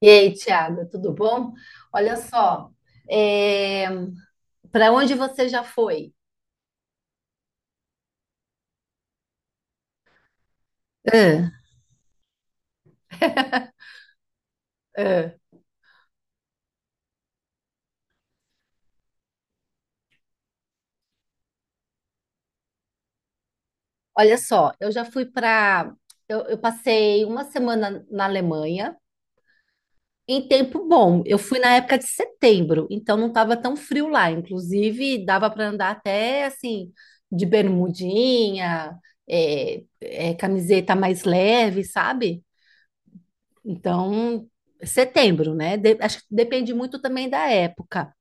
E aí, Tiago, tudo bom? Olha só, para onde você já foi? Ah, é. Olha só, eu já fui para. Eu passei uma semana na Alemanha, em tempo bom. Eu fui na época de setembro, então não estava tão frio lá. Inclusive, dava para andar até assim, de bermudinha, camiseta mais leve, sabe? Então, setembro, né? Acho que depende muito também da época.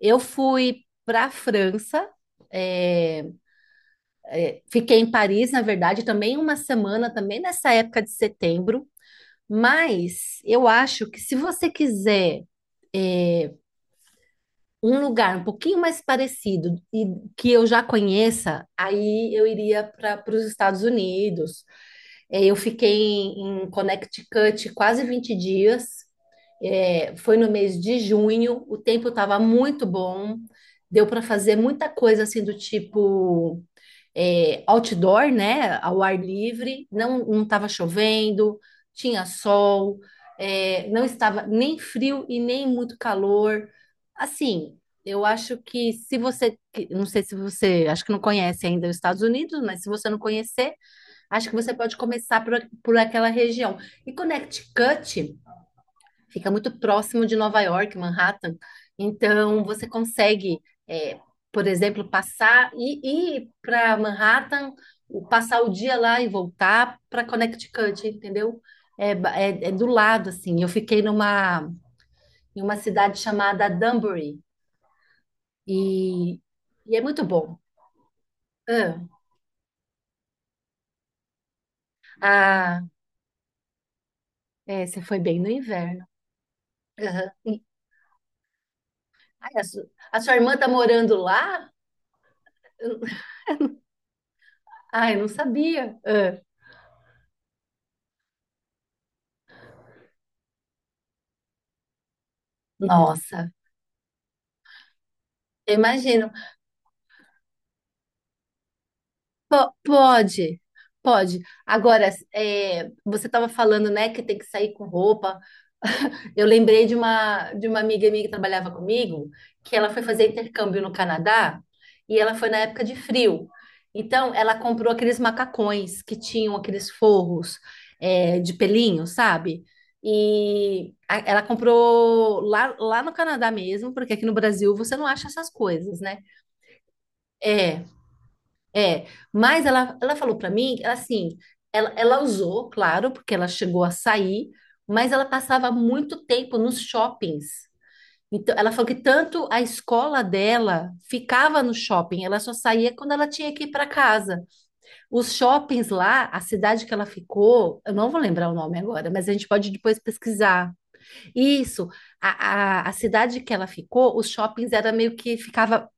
Eu fui para a França, é, fiquei em Paris, na verdade, também uma semana, também nessa época de setembro. Mas eu acho que se você quiser é, um lugar um pouquinho mais parecido e que eu já conheça, aí eu iria para os Estados Unidos. É, eu fiquei em Connecticut quase 20 dias. É, foi no mês de junho, o tempo estava muito bom, deu para fazer muita coisa assim do tipo outdoor, né? Ao ar livre, não estava chovendo, tinha sol, não estava nem frio e nem muito calor. Assim, eu acho que se você, não sei se você, acho que não conhece ainda os Estados Unidos, mas se você não conhecer, acho que você pode começar por aquela região. E Connecticut fica muito próximo de Nova York, Manhattan. Então, você consegue, é, por exemplo, passar e ir para Manhattan, passar o dia lá e voltar para Connecticut, entendeu? É, é do lado, assim. Eu fiquei numa, em uma cidade chamada Danbury e, e é muito bom. Ah, ah, você foi bem no inverno. Aham. Ai, a sua irmã tá morando lá? Ai, eu não sabia. Ah, nossa. Eu imagino. Pode, pode. Agora, você estava falando, né, que tem que sair com roupa. Eu lembrei de uma amiga minha que trabalhava comigo, que ela foi fazer intercâmbio no Canadá e ela foi na época de frio. Então, ela comprou aqueles macacões que tinham aqueles forros, de pelinho, sabe? E ela comprou lá no Canadá mesmo, porque aqui no Brasil você não acha essas coisas, né? É, é, mas ela falou pra mim, ela, assim, ela usou, claro, porque ela chegou a sair, mas ela passava muito tempo nos shoppings. Então, ela falou que tanto a escola dela ficava no shopping, ela só saía quando ela tinha que ir para casa. Os shoppings lá, a cidade que ela ficou, eu não vou lembrar o nome agora, mas a gente pode depois pesquisar. Isso, a cidade que ela ficou, os shoppings era meio que ficava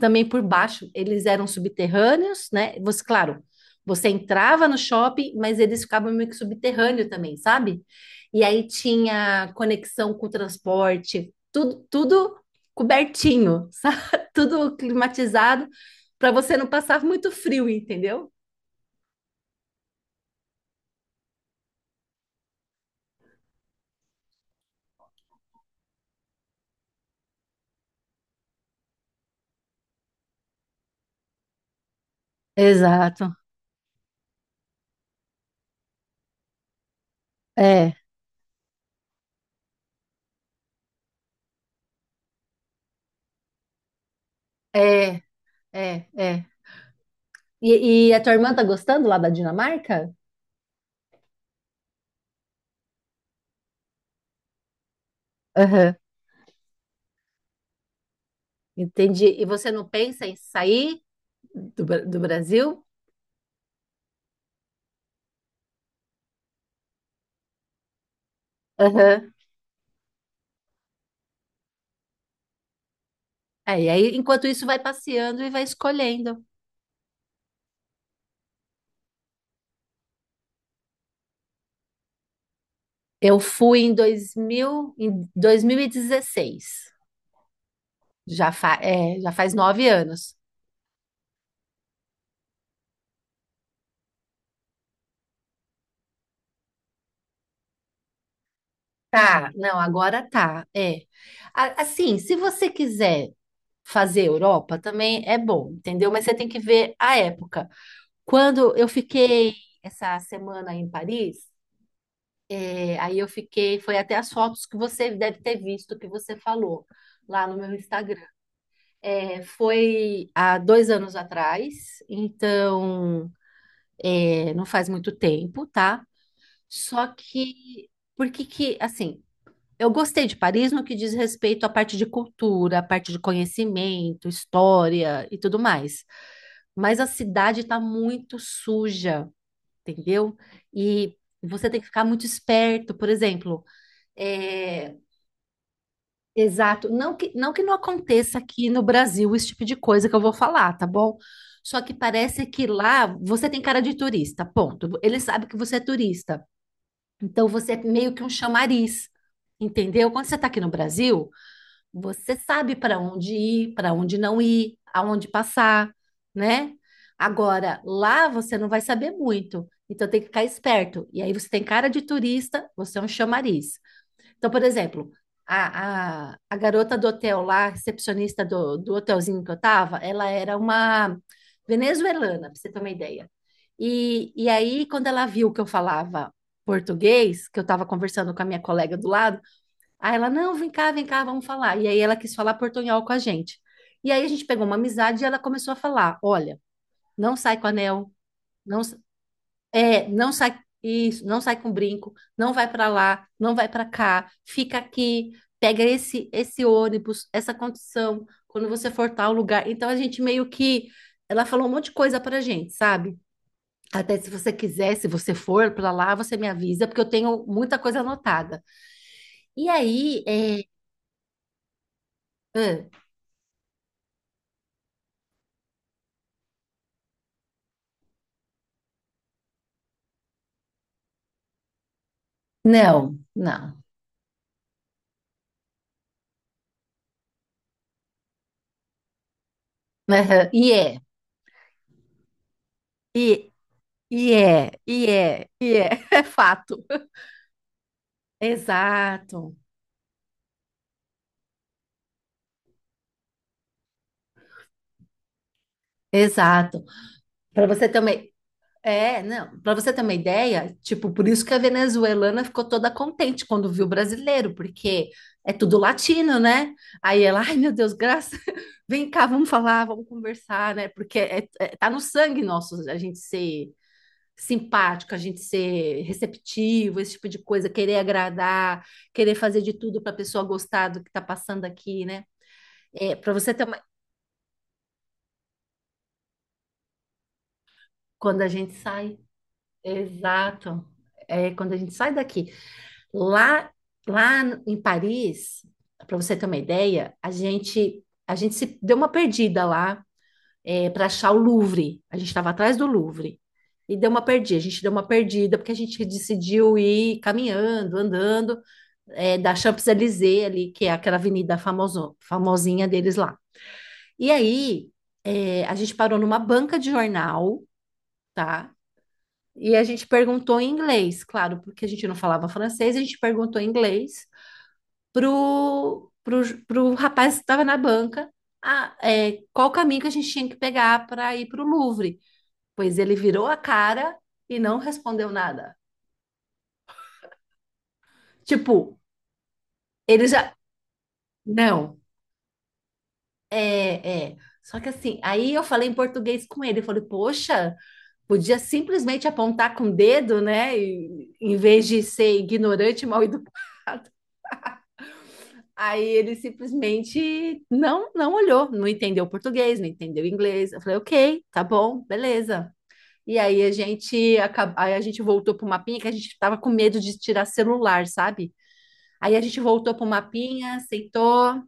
também por baixo. Eles eram subterrâneos, né? Você, claro, você entrava no shopping, mas eles ficavam meio que subterrâneo também, sabe? E aí tinha conexão com o transporte, tudo, tudo cobertinho, sabe? Tudo climatizado para você não passar muito frio, entendeu? Exato. É. É, é, é. E a tua irmã tá gostando lá da Dinamarca? Aham. Entendi. E você não pensa em sair do, do Brasil? É, e aí, enquanto isso, vai passeando e vai escolhendo. Eu fui em 2000, em 2016. Já faz 9 anos. Tá, não, agora tá. É. Assim, se você quiser fazer Europa, também é bom, entendeu? Mas você tem que ver a época. Quando eu fiquei essa semana em Paris, aí eu fiquei, foi até as fotos que você deve ter visto, que você falou lá no meu Instagram. É, foi há 2 anos atrás, então não faz muito tempo, tá? Só que, porque que, assim, eu gostei de Paris no que diz respeito à parte de cultura, à parte de conhecimento, história e tudo mais. Mas a cidade tá muito suja, entendeu? E você tem que ficar muito esperto, por exemplo, é, exato. Não que, não que não aconteça aqui no Brasil esse tipo de coisa que eu vou falar, tá bom? Só que parece que lá você tem cara de turista, ponto. Ele sabe que você é turista. Então você é meio que um chamariz, entendeu? Quando você tá aqui no Brasil, você sabe para onde ir, para onde não ir, aonde passar, né? Agora, lá você não vai saber muito. Então tem que ficar esperto. E aí você tem cara de turista, você é um chamariz. Então, por exemplo, a garota do hotel lá, recepcionista do hotelzinho que eu tava, ela era uma venezuelana, pra você ter uma ideia. E aí, quando ela viu que eu falava português, que eu tava conversando com a minha colega do lado, aí ela, não, vem cá, vamos falar. E aí ela quis falar portunhol com a gente. E aí a gente pegou uma amizade e ela começou a falar, olha, não sai com anel, não é, não sai isso, não sai com brinco, não vai para lá, não vai para cá, fica aqui, pega esse ônibus, essa condição, quando você for tal lugar. Então a gente meio que ela falou um monte de coisa pra gente, sabe? Até se você quiser, se você for para lá, você me avisa, porque eu tenho muita coisa anotada. E aí, ah, não, não. Aham, e, e é, e é, e é, é fato. Exato, exato. Para você também. É, não. Para você ter uma ideia, tipo, por isso que a venezuelana ficou toda contente quando viu o brasileiro, porque é tudo latino, né? Aí ela, ai meu Deus, graças, vem cá, vamos falar, vamos conversar, né? Porque é, tá no sangue nosso a gente ser simpático, a gente ser receptivo, esse tipo de coisa, querer agradar, querer fazer de tudo para a pessoa gostar do que tá passando aqui, né? É, para você ter uma... Quando a gente sai, exato. É, quando a gente sai daqui. Lá, lá em Paris, para você ter uma ideia, a gente se deu uma perdida lá para achar o Louvre. A gente estava atrás do Louvre e deu uma perdida. A gente deu uma perdida porque a gente decidiu ir caminhando, andando da Champs-Élysées ali, que é aquela avenida famoso, famosinha deles lá. E aí a gente parou numa banca de jornal, tá? E a gente perguntou em inglês, claro, porque a gente não falava francês, a gente perguntou em inglês pro rapaz que estava na banca qual caminho que a gente tinha que pegar para ir pro Louvre. Pois ele virou a cara e não respondeu nada. Tipo, ele já. Não, é, é. Só que assim, aí eu falei em português com ele. Eu falei, poxa, podia simplesmente apontar com o dedo, né? Em vez de ser ignorante, e mal educado. Aí ele simplesmente não, não olhou, não entendeu português, não entendeu inglês. Eu falei, ok, tá bom, beleza. Aí a gente voltou pro mapinha que a gente tava com medo de tirar celular, sabe? Aí a gente voltou pro mapinha, sentou.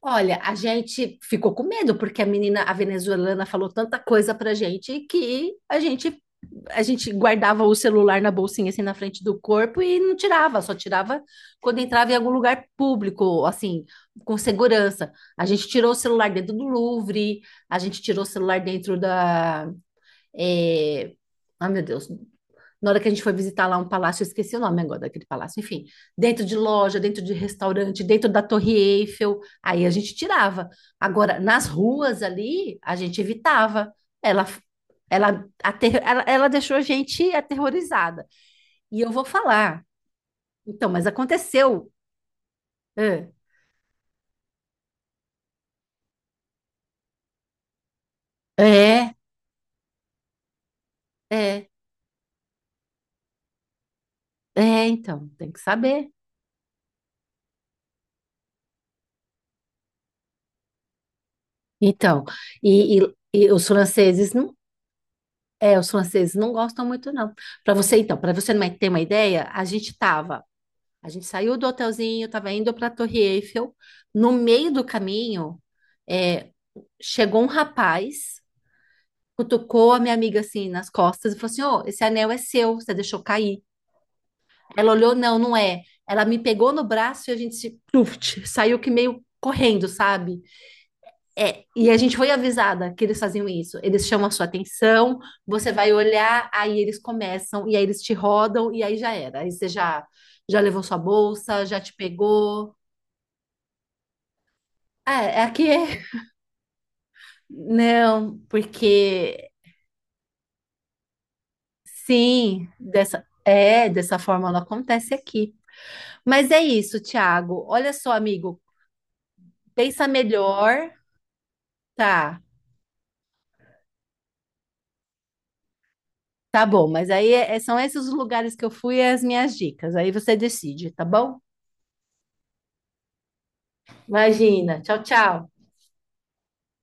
Olha, a gente ficou com medo porque a menina, a venezuelana, falou tanta coisa pra gente que a gente guardava o celular na bolsinha assim na frente do corpo e não tirava, só tirava quando entrava em algum lugar público, assim, com segurança. A gente tirou o celular dentro do Louvre, a gente tirou o celular dentro da é, meu Deus, na hora que a gente foi visitar lá um palácio, eu esqueci o nome agora daquele palácio, enfim, dentro de loja, dentro de restaurante, dentro da Torre Eiffel, aí a gente tirava. Agora, nas ruas ali, a gente evitava. Ela, ela deixou a gente aterrorizada. E eu vou falar. Então, mas aconteceu. É, é, é, então, tem que saber. Então, e os franceses não, os franceses não gostam muito, não. Para você, então, para você não ter uma ideia, A gente saiu do hotelzinho, estava indo para a Torre Eiffel. No meio do caminho, é, chegou um rapaz, cutucou a minha amiga assim nas costas e falou assim: Ô, esse anel é seu, você deixou cair. Ela olhou: Não, não é. Ela me pegou no braço e a gente se, pluft, saiu que meio correndo, sabe? É, e a gente foi avisada que eles faziam isso. Eles chamam a sua atenção, você vai olhar, aí eles começam, e aí eles te rodam, e aí já era. Aí você já, já levou sua bolsa, já te pegou. É, é aqui é. Não, porque sim, dessa forma ela acontece aqui. Mas é isso, Thiago. Olha só, amigo, pensa melhor, tá? Tá bom, mas aí é, são esses os lugares que eu fui e as minhas dicas. Aí você decide, tá bom? Imagina. Tchau, tchau.